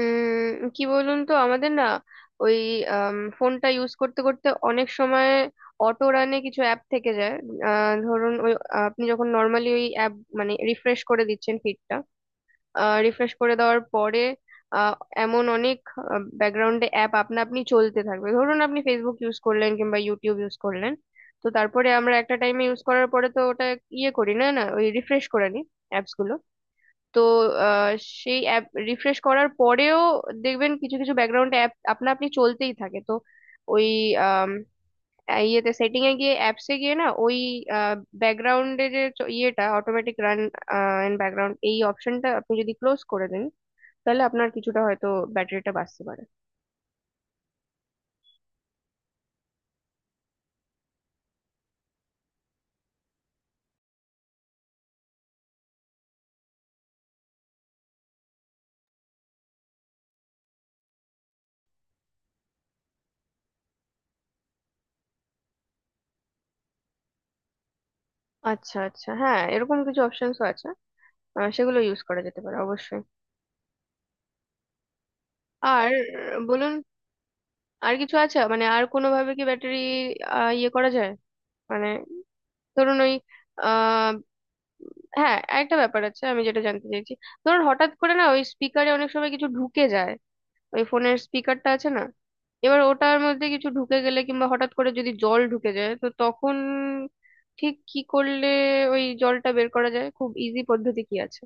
কি বলুন তো, আমাদের না ওই ফোনটা ইউজ করতে করতে অনেক সময় অটো রানে কিছু অ্যাপ থেকে যায়। ধরুন ওই আপনি যখন নর্মালি ওই অ্যাপ মানে রিফ্রেশ করে দিচ্ছেন, ফিডটা রিফ্রেশ করে দেওয়ার পরে আহ, এমন অনেক ব্যাকগ্রাউন্ডে অ্যাপ আপনা আপনি চলতে থাকবে। ধরুন আপনি ফেসবুক ইউজ করলেন কিংবা ইউটিউব ইউজ করলেন, তো তারপরে আমরা একটা টাইমে ইউজ করার পরে তো ওটা ইয়ে করি না, না ওই রিফ্রেশ করে নিই অ্যাপস গুলো। তো আহ, সেই অ্যাপ রিফ্রেশ করার পরেও দেখবেন কিছু কিছু ব্যাকগ্রাউন্ড অ্যাপ আপনা আপনি চলতেই থাকে। তো ওই আম, ইয়েতে সেটিং এ গিয়ে অ্যাপসে গিয়ে না ওই ব্যাকগ্রাউন্ডে যে ইয়েটা, অটোমেটিক রান ইন ব্যাকগ্রাউন্ড, এই অপশনটা আপনি যদি ক্লোজ করে দেন তাহলে আপনার কিছুটা হয়তো ব্যাটারিটা বাঁচতে পারে। আচ্ছা আচ্ছা, হ্যাঁ এরকম কিছু অপশনসও আছে, সেগুলো ইউজ করা যেতে পারে অবশ্যই। আর বলুন, আর কিছু আছে মানে আর কোনো ভাবে কি ব্যাটারি ইয়ে করা যায়? মানে ধরুন ওই আহ হ্যাঁ, একটা ব্যাপার আছে আমি যেটা জানতে চাইছি। ধরুন হঠাৎ করে না ওই স্পিকারে অনেক সময় কিছু ঢুকে যায়, ওই ফোনের স্পিকারটা আছে না, এবার ওটার মধ্যে কিছু ঢুকে গেলে কিংবা হঠাৎ করে যদি জল ঢুকে যায় তো তখন ঠিক কি করলে ওই জলটা বের করা যায়, খুব ইজি পদ্ধতি কি আছে?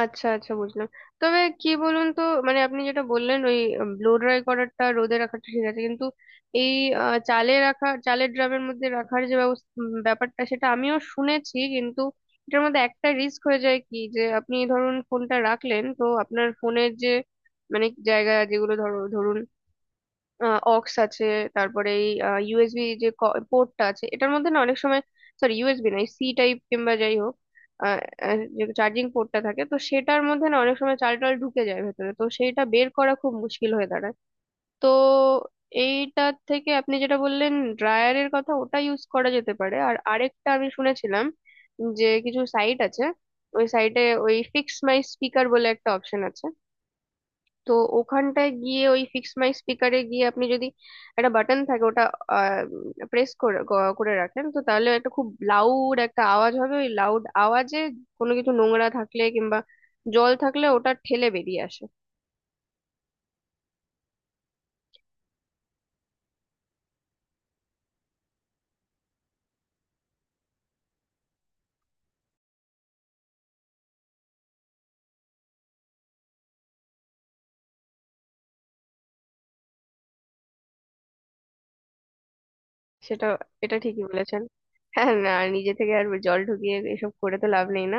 আচ্ছা আচ্ছা, বুঝলাম। তবে কি বলুন তো, মানে আপনি যেটা বললেন ওই ব্লো ড্রাই করাটা, রোদে রাখাটা ঠিক আছে, কিন্তু এই চালে রাখা, চালের ড্রামের মধ্যে রাখার যে ব্যাপারটা, সেটা আমিও শুনেছি, কিন্তু এটার মধ্যে একটা রিস্ক হয়ে যায় কি যে আপনি ধরুন ফোনটা রাখলেন তো আপনার ফোনের যে মানে জায়গা যেগুলো ধরুন অক্স আছে, তারপরে এই ইউএসবি যে পোর্টটা আছে এটার মধ্যে না অনেক সময়, সরি, ইউএসবি নয়, সি টাইপ কিংবা যাই হোক, আহ, আহ, যে চার্জিং পোর্টটা থাকে, তো সেটার মধ্যে না অনেক সময় চাল টাল ঢুকে যায় ভেতরে, তো সেইটা বের করা খুব মুশকিল হয়ে দাঁড়ায়। তো এইটার থেকে আপনি যেটা বললেন ড্রায়ারের কথা, ওটা ইউজ করা যেতে পারে। আর আরেকটা আমি শুনেছিলাম যে কিছু সাইট আছে, ওই সাইটে ওই ফিক্স মাই স্পিকার বলে একটা অপশন আছে। তো ওখানটায় গিয়ে ওই ফিক্স মাই স্পিকারে গিয়ে আপনি যদি একটা বাটন থাকে ওটা প্রেস করে করে রাখেন, তো তাহলে একটা খুব লাউড একটা আওয়াজ হবে, ওই লাউড আওয়াজে কোনো কিছু নোংরা থাকলে কিংবা জল থাকলে ওটা ঠেলে বেরিয়ে আসে। সেটা। এটা ঠিকই বলেছেন। হ্যাঁ, না, নিজে থেকে আর জল ঢুকিয়ে এসব করে তো লাভ নেই না।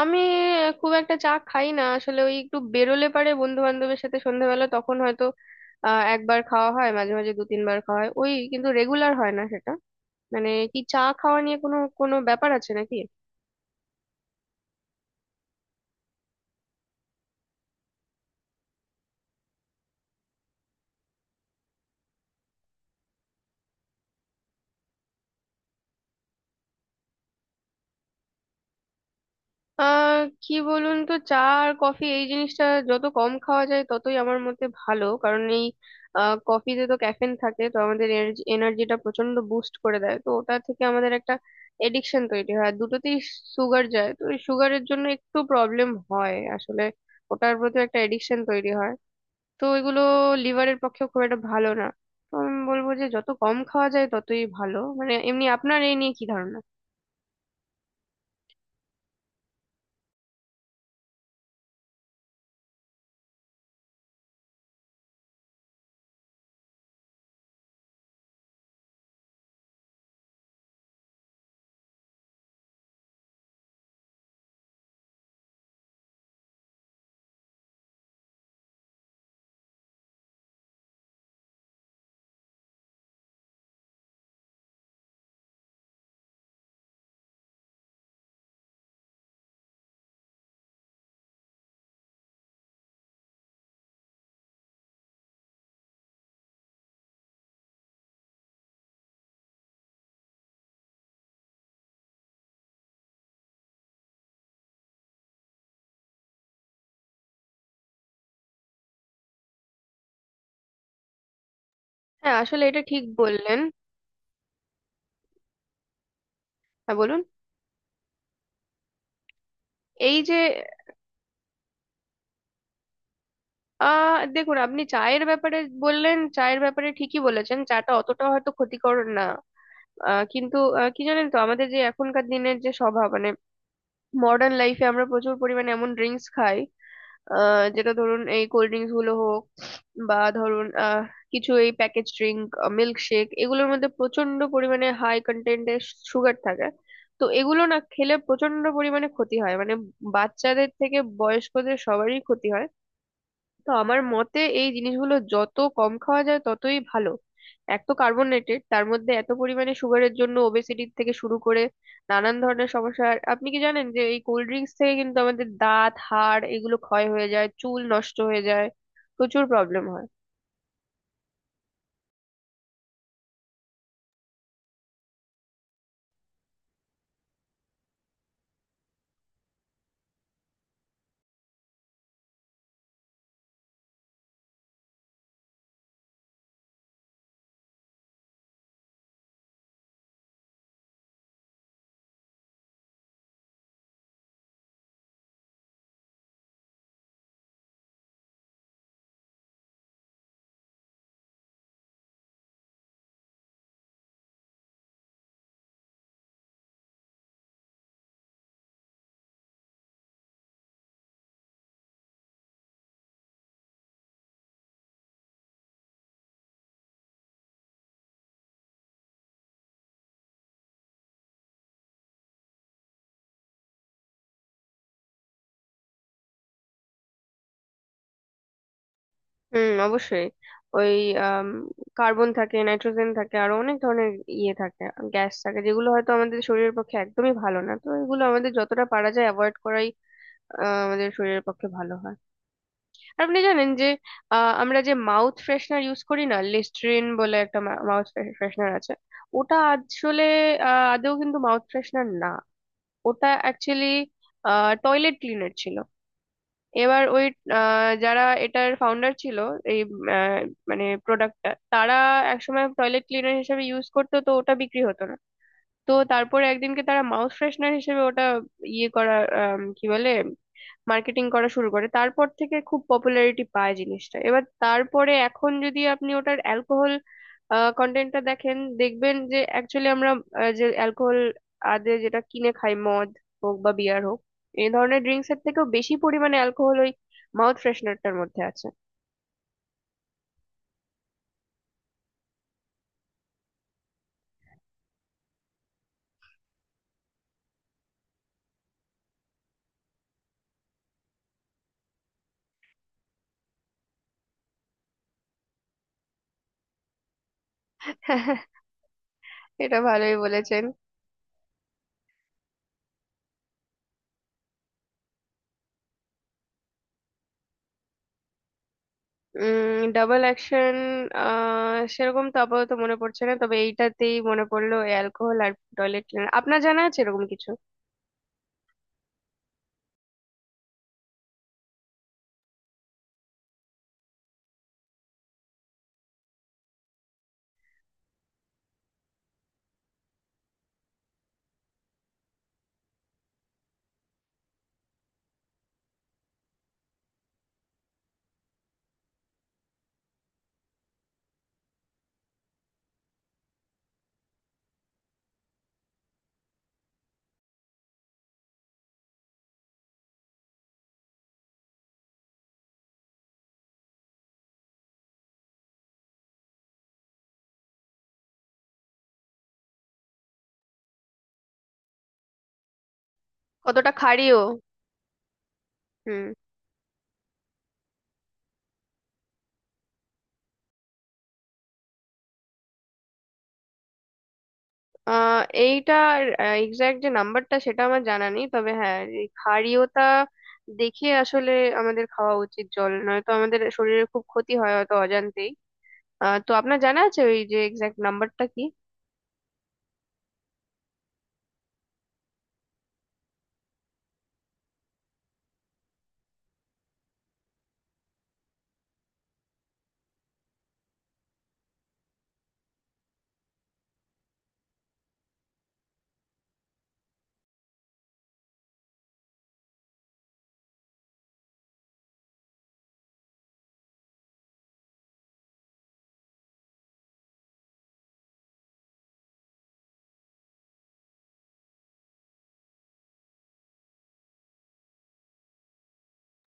আমি খুব একটা চা খাই না আসলে, ওই একটু বেরোলে পারে বন্ধু বান্ধবের সাথে সন্ধ্যাবেলা, তখন হয়তো একবার খাওয়া হয়, মাঝে মাঝে দু তিনবার খাওয়া হয় ওই, কিন্তু রেগুলার হয় না সেটা। মানে কি চা খাওয়া নিয়ে কোনো কোনো ব্যাপার আছে নাকি? কি বলুন তো, চা আর কফি এই জিনিসটা যত কম খাওয়া যায় ততই আমার মতে ভালো, কারণ এই কফিতে তো ক্যাফেন থাকে, তো আমাদের এনার্জিটা প্রচন্ড বুস্ট করে দেয়, তো ওটা থেকে আমাদের একটা এডিকশন তৈরি হয়। আর দুটোতেই সুগার যায়, তো ওই সুগারের জন্য একটু প্রবলেম হয় আসলে, ওটার প্রতি একটা এডিকশন তৈরি হয়। তো এগুলো লিভারের পক্ষে খুব একটা ভালো না। তো আমি বলবো যে যত কম খাওয়া যায় ততই ভালো। মানে এমনি আপনার এই নিয়ে কি ধারণা? হ্যাঁ, আসলে এটা ঠিক বললেন। হ্যাঁ বলুন। এই যে দেখুন, আপনি চায়ের ব্যাপারে বললেন, চায়ের ব্যাপারে ঠিকই বলেছেন, চাটা অতটা হয়তো ক্ষতিকর না, কিন্তু কি জানেন তো, আমাদের যে এখনকার দিনের যে স্বভাব, মানে মডার্ন লাইফে আমরা প্রচুর পরিমাণে এমন ড্রিঙ্কস খাই, যেটা ধরুন এই কোল্ড ড্রিঙ্কস গুলো হোক বা ধরুন কিছু এই প্যাকেজ ড্রিঙ্ক, মিল্ক শেক, এগুলোর মধ্যে প্রচন্ড পরিমাণে হাই কন্টেন্টের সুগার থাকে। তো এগুলো না খেলে প্রচন্ড পরিমাণে ক্ষতি হয়, মানে বাচ্চাদের থেকে বয়স্কদের সবারই ক্ষতি হয়। তো আমার মতে এই জিনিসগুলো যত কম খাওয়া যায় ততই ভালো। এক তো কার্বনেটেড, তার মধ্যে এত পরিমাণে সুগারের জন্য ওবেসিটি থেকে শুরু করে নানান ধরনের সমস্যা। আর আপনি কি জানেন যে এই কোল্ড ড্রিঙ্কস থেকে কিন্তু আমাদের দাঁত, হাড় এগুলো ক্ষয় হয়ে যায়, চুল নষ্ট হয়ে যায়, প্রচুর প্রবলেম হয়। হুম, অবশ্যই। ওই কার্বন থাকে, নাইট্রোজেন থাকে, আরো অনেক ধরনের ইয়ে থাকে, গ্যাস থাকে, যেগুলো হয়তো আমাদের শরীরের পক্ষে একদমই ভালো না। তো এগুলো আমাদের যতটা পারা যায় অ্যাভয়েড করাই আমাদের শরীরের পক্ষে ভালো হয়। আপনি জানেন যে আমরা যে মাউথ ফ্রেশনার ইউজ করি না, লিস্ট্রিন বলে একটা মাউথ ফ্রেশনার আছে, ওটা আসলে আদৌ কিন্তু মাউথ ফ্রেশনার না, ওটা অ্যাকচুয়ালি টয়লেট ক্লিনার ছিল। এবার ওই যারা এটার ফাউন্ডার ছিল, এই আহ, মানে প্রোডাক্টটা তারা একসময় টয়লেট ক্লিনার হিসেবে ইউজ করতো, তো ওটা বিক্রি হতো না। তো তারপরে একদিনকে তারা মাউথ ফ্রেশনার হিসেবে ওটা ইয়ে করা, কি বলে, মার্কেটিং করা শুরু করে, তারপর থেকে খুব পপুলারিটি পায় জিনিসটা। এবার তারপরে এখন যদি আপনি ওটার অ্যালকোহল কন্টেন্টটা দেখেন, দেখবেন যে অ্যাকচুয়ালি আমরা যে অ্যালকোহল যেটা কিনে খাই, মদ হোক বা বিয়ার হোক, এই ধরনের ড্রিঙ্কস এর থেকেও বেশি পরিমাণে অ্যালকোহল ওই মাউথ ফ্রেশনারটার মধ্যে আছে। এটা ভালোই বলেছেন। ডাবল অ্যাকশন সেরকম তো আপাতত মনে পড়ছে না, তবে এইটাতেই মনে পড়লো অ্যালকোহল আর টয়লেট ক্লিনার। আপনার জানা আছে এরকম কিছু? কতটা খাড়িও। হুম। এইটার এক্সাক্ট যে নাম্বারটা সেটা আমার জানা নেই, তবে হ্যাঁ এই ক্ষারীয়তা দেখে আসলে আমাদের খাওয়া উচিত জল, নয়তো আমাদের শরীরের খুব ক্ষতি হয় হয়তো অজান্তেই। তো আপনার জানা আছে ওই যে এক্সাক্ট নাম্বারটা কি?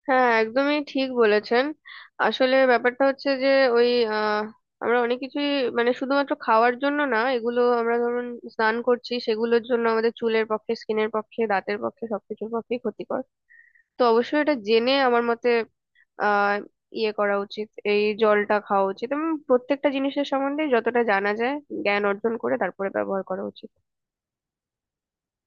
হ্যাঁ, একদমই ঠিক বলেছেন। আসলে ব্যাপারটা হচ্ছে যে ওই আহ, আমরা অনেক কিছুই, মানে শুধুমাত্র খাওয়ার জন্য না, এগুলো আমরা ধরুন স্নান করছি, সেগুলোর জন্য আমাদের চুলের পক্ষে, স্কিনের পক্ষে, দাঁতের পক্ষে, সবকিছুর পক্ষে ক্ষতিকর। তো অবশ্যই এটা জেনে আমার মতে আহ ইয়ে করা উচিত, এই জলটা খাওয়া উচিত, এবং প্রত্যেকটা জিনিসের সম্বন্ধে যতটা জানা যায় জ্ঞান অর্জন করে তারপরে ব্যবহার করা উচিত।